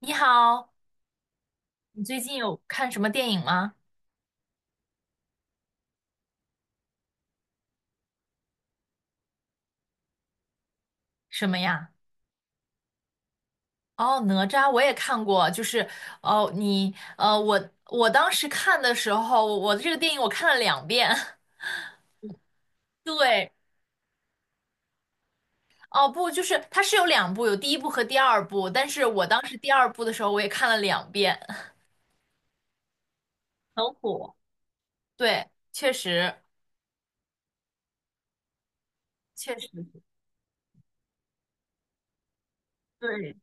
你好，你最近有看什么电影吗？什么呀？哦，哪吒我也看过，就是哦，你我当时看的时候，我这个电影我看了两遍。对，哦不，就是它是有两部，有第一部和第二部，但是我当时第二部的时候我也看了两遍，很火。对，确实，确实，对，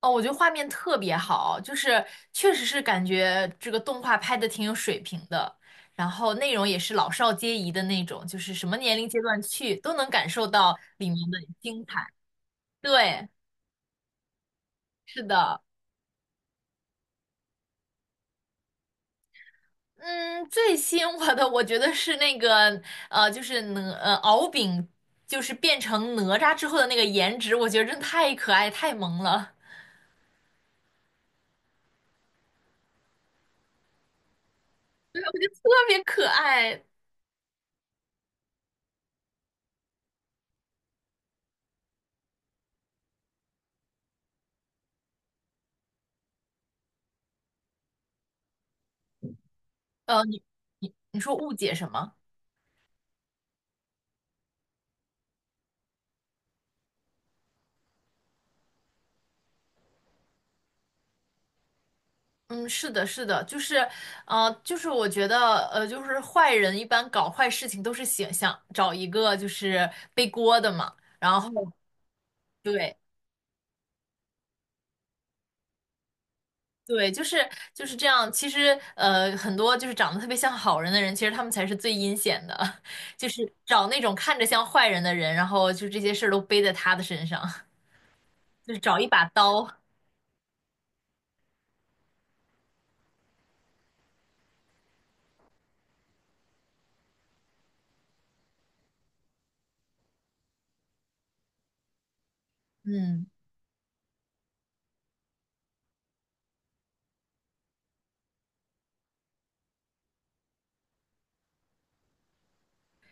哦，我觉得画面特别好，就是确实是感觉这个动画拍的挺有水平的，然后内容也是老少皆宜的那种，就是什么年龄阶段去都能感受到里面的精彩。对，是的，嗯，最吸引我的我觉得是那个就是敖丙，就是变成哪吒之后的那个颜值，我觉得真的太可爱太萌了，对，我觉得特别可爱。你你说误解什么？嗯，是的，是的，就是，就是我觉得，就是坏人一般搞坏事情都是想找一个就是背锅的嘛，然后对对，就是这样。其实，很多就是长得特别像好人的人，其实他们才是最阴险的，就是找那种看着像坏人的人，然后就这些事儿都背在他的身上，就是找一把刀。嗯，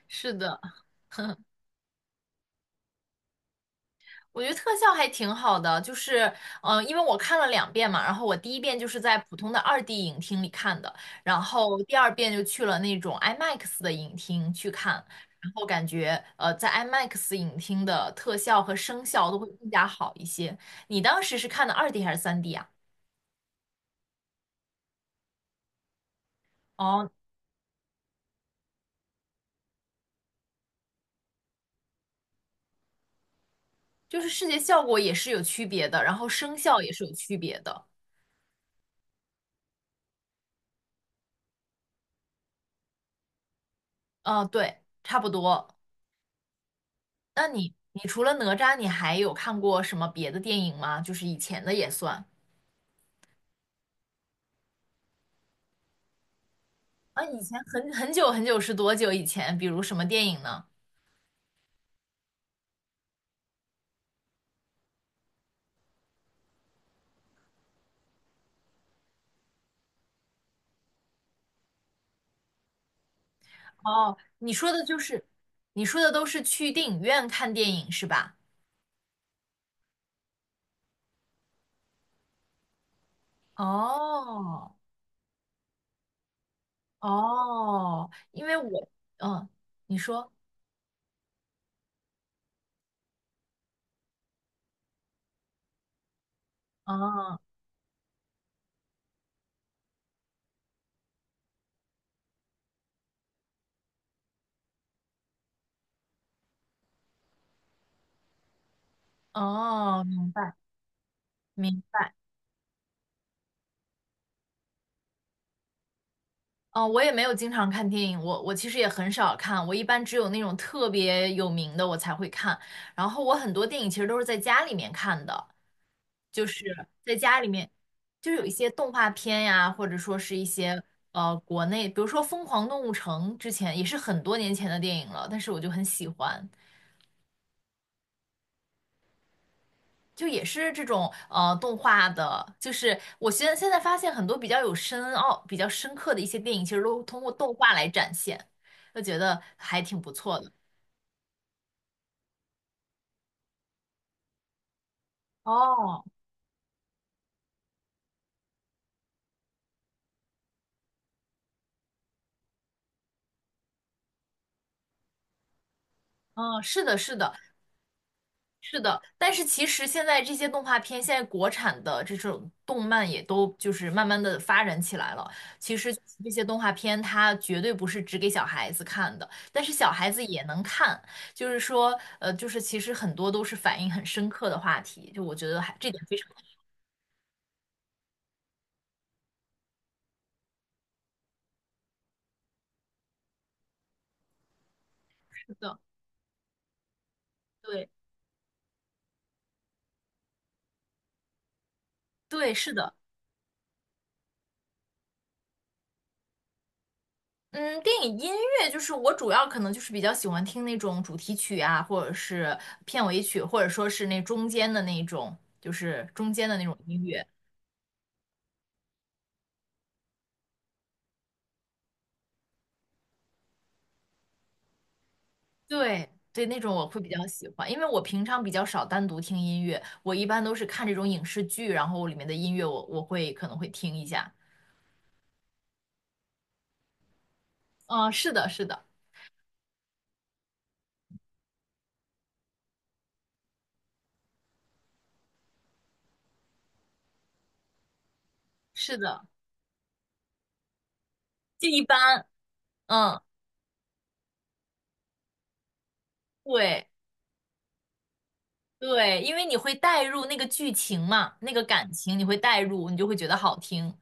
是的。我觉得特效还挺好的，就是，因为我看了两遍嘛，然后我第一遍就是在普通的二 d 影厅里看的，然后第二遍就去了那种 IMAX 的影厅去看，然后感觉，在 IMAX 影厅的特效和声效都会更加好一些。你当时是看的二 d 还是3D 啊？哦，就是视觉效果也是有区别的，然后声效也是有区别的。嗯、对，差不多。那你，你除了哪吒，你还有看过什么别的电影吗？就是以前的也算。啊，以前很久很久是多久以前？比如什么电影呢？哦，你说的就是，你说的都是去电影院看电影是吧？哦哦，因为我，嗯，你说，哦哦，明白。嗯，我也没有经常看电影，我其实也很少看，我一般只有那种特别有名的我才会看。然后我很多电影其实都是在家里面看的，就是在家里面，就有一些动画片呀，或者说是一些国内，比如说《疯狂动物城》，之前也是很多年前的电影了，但是我就很喜欢。就也是这种动画的，就是我现在发现很多比较有深奥、比较深刻的一些电影，其实都通过动画来展现，就觉得还挺不错的。哦，嗯，是的，是的，是的，但是其实现在这些动画片，现在国产的这种动漫也都就是慢慢的发展起来了。其实这些动画片它绝对不是只给小孩子看的，但是小孩子也能看。就是说，就是其实很多都是反映很深刻的话题，就我觉得还这点非常值得。对对，是的。嗯，电影音乐就是我主要可能就是比较喜欢听那种主题曲啊，或者是片尾曲，或者说是那中间的那种，就是中间的那种音乐。对对，那种我会比较喜欢，因为我平常比较少单独听音乐，我一般都是看这种影视剧，然后里面的音乐我会可能会听一下。嗯，是的，是的，是的，就一般。嗯，对对，因为你会带入那个剧情嘛，那个感情你会带入，你就会觉得好听。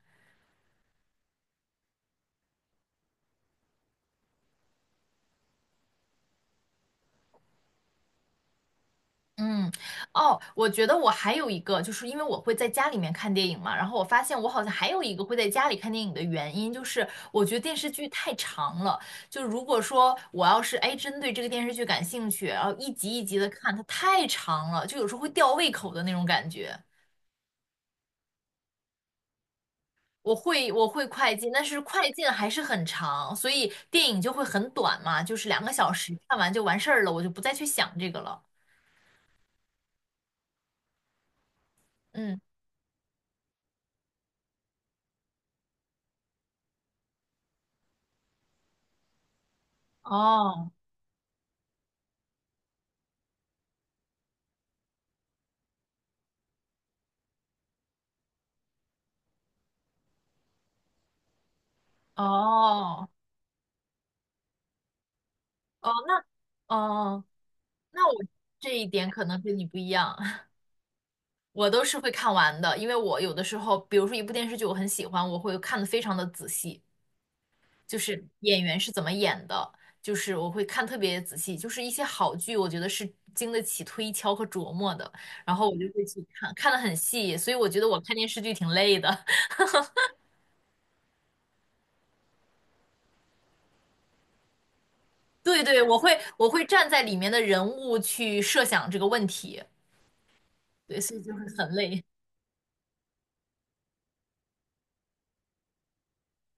嗯，哦，我觉得我还有一个，就是因为我会在家里面看电影嘛，然后我发现我好像还有一个会在家里看电影的原因，就是我觉得电视剧太长了，就如果说我要是哎针对这个电视剧感兴趣，然后一集一集的看，它太长了，就有时候会吊胃口的那种感觉。我会快进，但是快进还是很长，所以电影就会很短嘛，就是2个小时看完就完事儿了，我就不再去想这个了。嗯，哦哦哦哦。那我这一点可能跟你不一样，我都是会看完的，因为我有的时候，比如说一部电视剧我很喜欢，我会看的非常的仔细，就是演员是怎么演的，就是我会看特别仔细，就是一些好剧，我觉得是经得起推敲和琢磨的，然后我就会去看，看得很细，所以我觉得我看电视剧挺累的。对，我会站在里面的人物去设想这个问题，对，所以就会很累，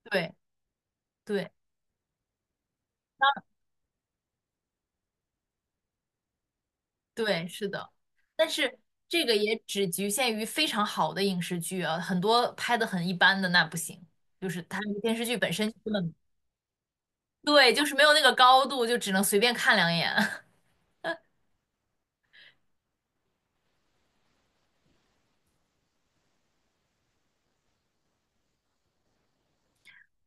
对对。对，是的，但是这个也只局限于非常好的影视剧啊，很多拍的很一般的那不行，就是它电视剧本身根本对，就是没有那个高度，就只能随便看两眼。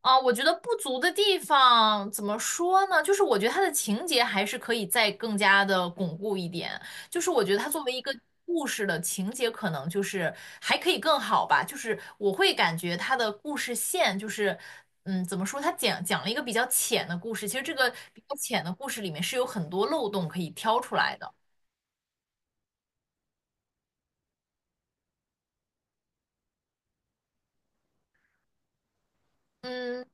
啊，我觉得不足的地方怎么说呢？就是我觉得它的情节还是可以再更加的巩固一点。就是我觉得它作为一个故事的情节，可能就是还可以更好吧。就是我会感觉它的故事线就是，嗯，怎么说？它讲了一个比较浅的故事。其实这个比较浅的故事里面是有很多漏洞可以挑出来的。嗯。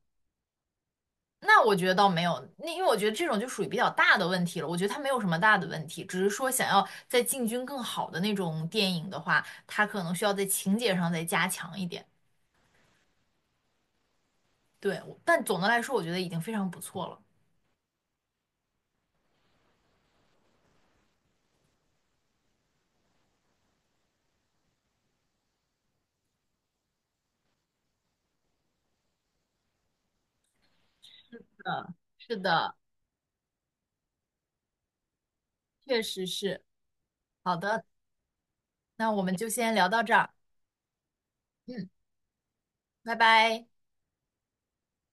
那我觉得倒没有，那因为我觉得这种就属于比较大的问题了。我觉得它没有什么大的问题，只是说想要在进军更好的那种电影的话，它可能需要在情节上再加强一点。对，我但总的来说，我觉得已经非常不错了。嗯，是的，确实是。好的，那我们就先聊到这儿。嗯，拜拜。